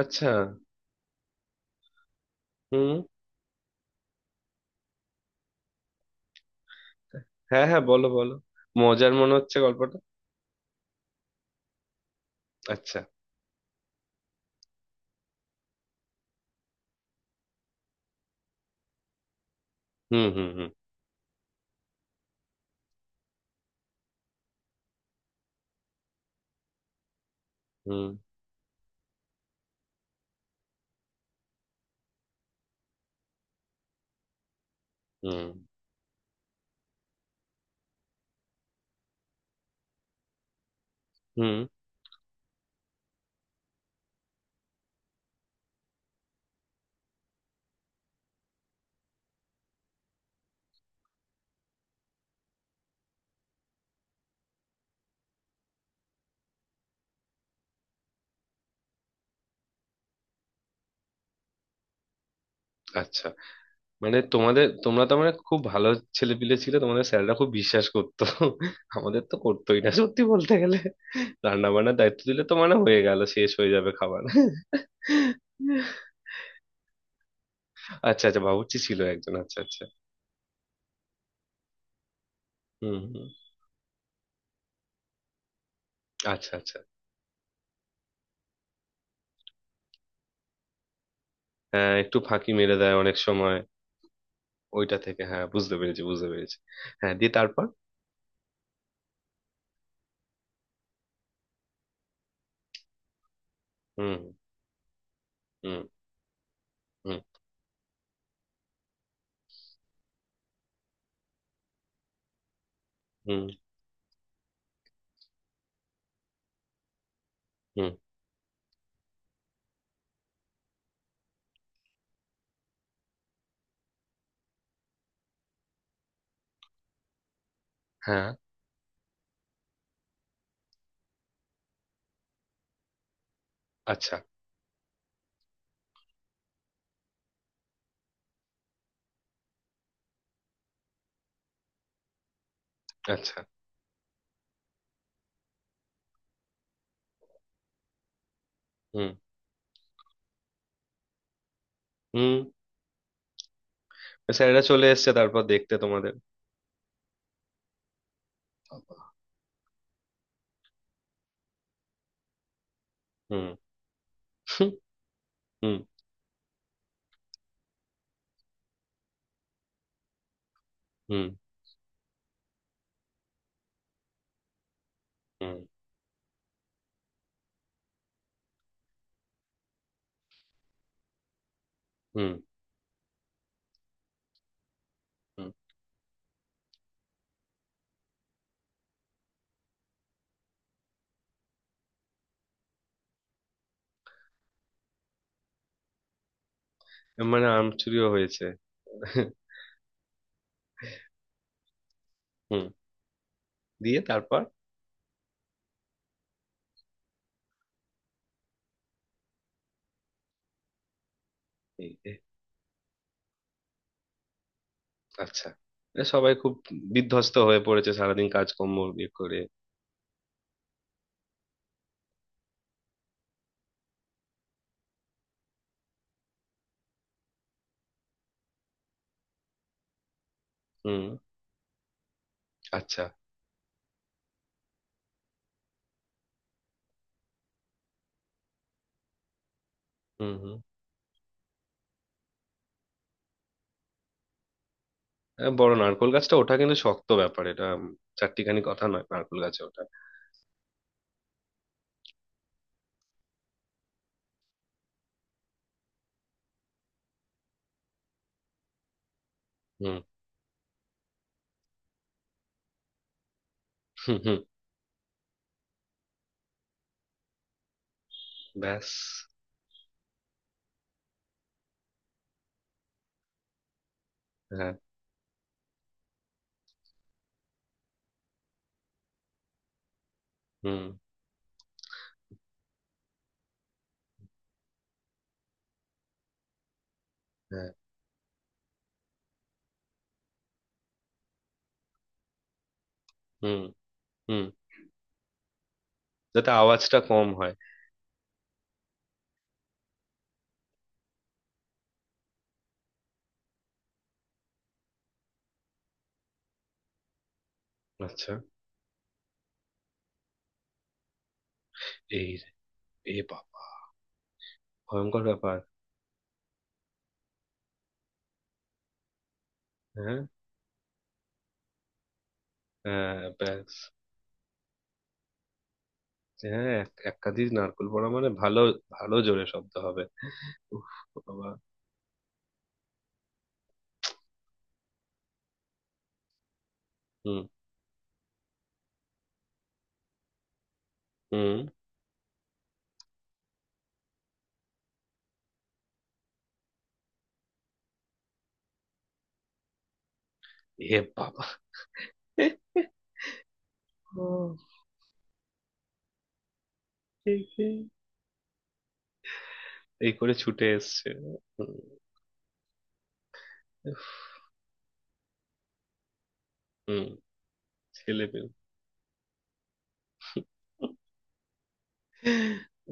আচ্ছা। হুম। হ্যাঁ হ্যাঁ, বলো বলো। মজার মনে হচ্ছে গল্পটা। আচ্ছা। হুম হুম হুম। হুম হুম হুম। আচ্ছা। মানে তোমরা তো মানে খুব ভালো ছেলেপিলে ছিল, তোমাদের স্যাররা খুব বিশ্বাস করতো। আমাদের তো করতোই না সত্যি বলতে গেলে। রান্না বান্নার দায়িত্ব দিলে তো মানে হয়ে গেল, শেষ হয়ে যাবে খাবার। আচ্ছা আচ্ছা, বাবুর্চি ছিল একজন, আচ্ছা আচ্ছা। হুম হুম। আচ্ছা আচ্ছা। হ্যাঁ, একটু ফাঁকি মেরে দেয় অনেক সময়। ওইটা থেকে হ্যাঁ, বুঝতে পেরেছি বুঝতে পেরেছি। হ্যাঁ, দিয়ে তারপর? হুম হুম হুম। হুম হুম। হ্যাঁ। আচ্ছা। আচ্ছা। হুম হুম। স্যারেরা চলে এসেছে তারপর দেখতে তোমাদের? হুম হুম হুম। হুম হুম হুম হুম। মানে আম চুরিও হয়েছে? হুম। দিয়ে তারপর? এই যে। আচ্ছা। এ, সবাই খুব বিধ্বস্ত হয়ে পড়েছে, সারাদিন কাজকর্ম ইয়ে করে। হুম। আচ্ছা। হুম হুম। এ, বড় নারকোল গাছটা ওঠা কিন্তু শক্ত ব্যাপার এটা। চারটিখানি কথা নয় নারকোল গাছে ওঠা। হুম হুম হুম। ব্যাস। হ্যাঁ। হুম। হ্যাঁ। হুম হুম। যাতে আওয়াজটা কম হয়। আচ্ছা। এই, এ বাবা, ভয়ঙ্কর ব্যাপার। হ্যাঁ। হ্যাঁ ব্যাস। হ্যাঁ, এক একাধি নারকোল পড়া মানে ভালো, ভালো জোরে শব্দ হবে। উফ বাবা। হুম হুম। এ বাবা। ও, এই এই এই করে ছুটে এসছে। হুম, হুম, ছেলে পেলে।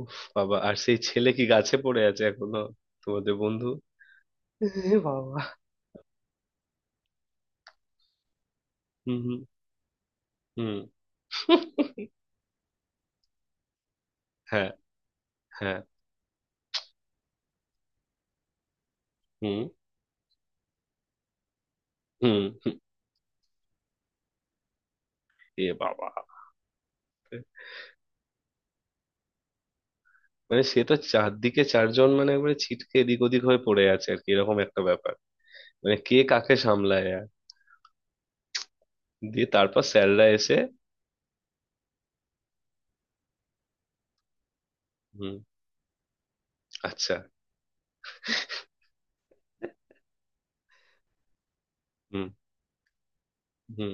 উফ বাবা, আর সেই ছেলে কি গাছে পড়ে আছে এখনো? তোমাদের বন্ধু? এ বাবা। হুম হুম। হুম। হ্যাঁ। হ্যাঁ। হুম হুম। হুম, এ বাবা, মানে সে তো চারদিকে চারজন মানে একবারে ছিটকে এদিক ওদিক হয়ে পড়ে আছে আর কি, এরকম একটা ব্যাপার। মানে কে কাকে সামলায় আর! দিয়ে তারপর স্যাররা এসে? হুম। আচ্ছা। হুম হুম।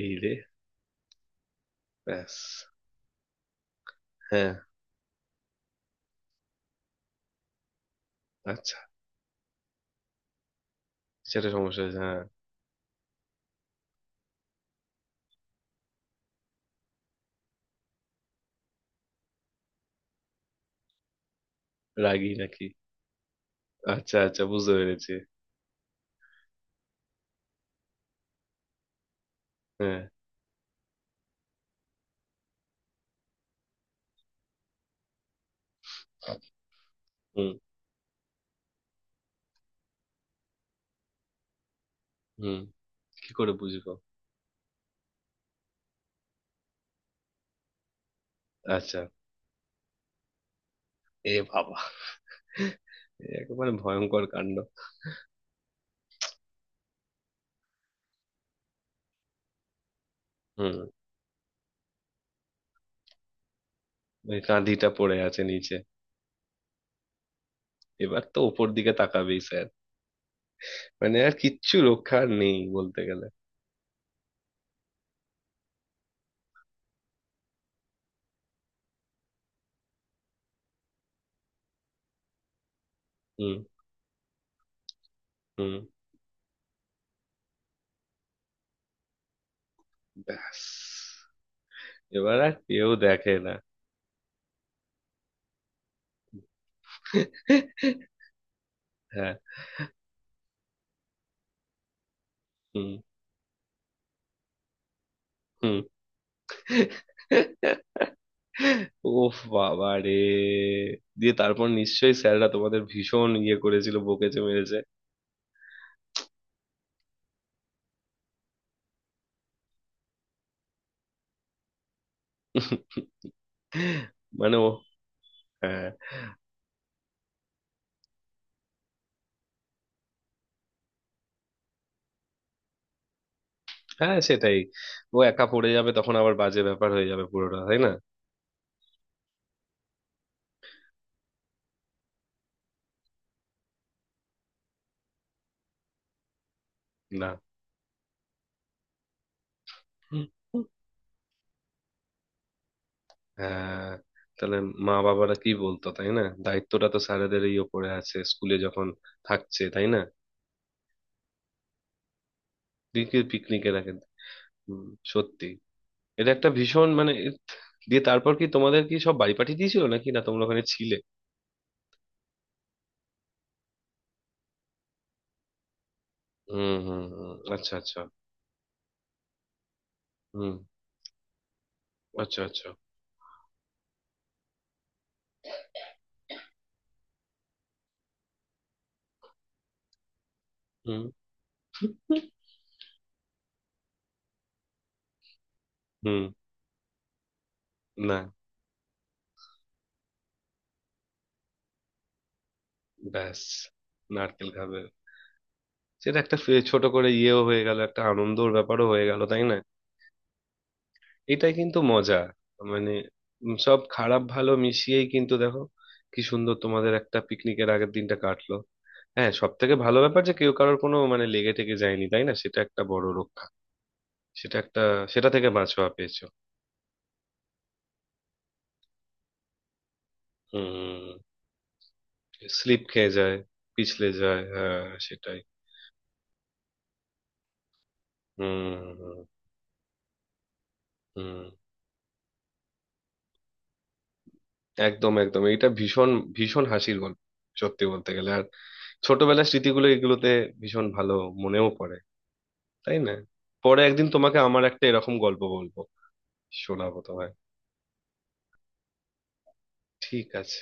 এই রে। ব্যাস। হ্যাঁ। আচ্ছা, সেটা সমস্যা হয়েছে, হ্যাঁ। রাগী নাকি? আচ্ছা আচ্ছা, বুঝতে পেরেছি। হ্যাঁ। হুম। হুম, কি করে বুঝবো। আচ্ছা। এ বাবা। এ একেবারে ভয়ঙ্কর কাণ্ড। হুম। ওই কাঁধিটা পড়ে আছে নিচে। এবার তো ওপর দিকে তাকাবেই স্যার, মানে আর কিচ্ছু রক্ষা আর নেই বলতে গেলে। হুম। হুম। ব্যাস। এবার আর কেউ দেখে না। হ্যাঁ। হুম। হুম। ওফ বাবা রে। দিয়ে তারপর নিশ্চয়ই স্যাররা তোমাদের ভীষণ ইয়ে করেছিল, বকেছে মেরেছে? মানে ও, হ্যাঁ হ্যাঁ সেটাই। ও একা পড়ে যাবে তখন, আবার বাজে ব্যাপার হয়ে যাবে পুরোটা, তাই না? না। হ্যাঁ। তাহলে মা বাবারা কি বলতো, তাই না? দায়িত্বটা তো স্যারেদেরই ওপরে আছে স্কুলে যখন থাকছে, তাই না? দিকে পিকনিকের আগে। হুম, সত্যি। এটা একটা ভীষণ মানে দিয়ে তারপর কি তোমাদের কি সব বাড়ি পাঠিয়ে দিয়েছিল নাকি, না তোমরা ওখানে ছিলে? হুম হুম হুম, আচ্ছা আচ্ছা। হুম। আচ্ছা আচ্ছা। হুম হুম। না। ব্যাস, নারকেল খাবে। সেটা একটা ছোট করে ইয়েও হয়ে গেল, একটা আনন্দর ব্যাপারও হয়ে গেল তাই না? এটাই কিন্তু মজা, মানে, সব খারাপ ভালো মিশিয়েই কিন্তু দেখো কি সুন্দর তোমাদের একটা পিকনিকের আগের দিনটা কাটলো। হ্যাঁ, সব থেকে ভালো ব্যাপার যে কেউ কারোর কোনো মানে লেগে টেগে যায়নি, তাই না? সেটা একটা বড় রক্ষা। সেটা একটা, সেটা থেকে বাঁচোয়া পেয়েছো। হুম। স্লিপ খেয়ে যায়, পিছলে যায়, হ্যাঁ সেটাই। হুম হুম হুম। একদম একদম, এটা ভীষণ ভীষণ হাসির গল্প সত্যি বলতে গেলে। আর ছোটবেলার স্মৃতিগুলো এগুলোতে ভীষণ ভালো মনেও পড়ে, তাই না? পরে একদিন তোমাকে আমার একটা এরকম গল্প বলবো, শোনাবো তোমায়। ঠিক আছে।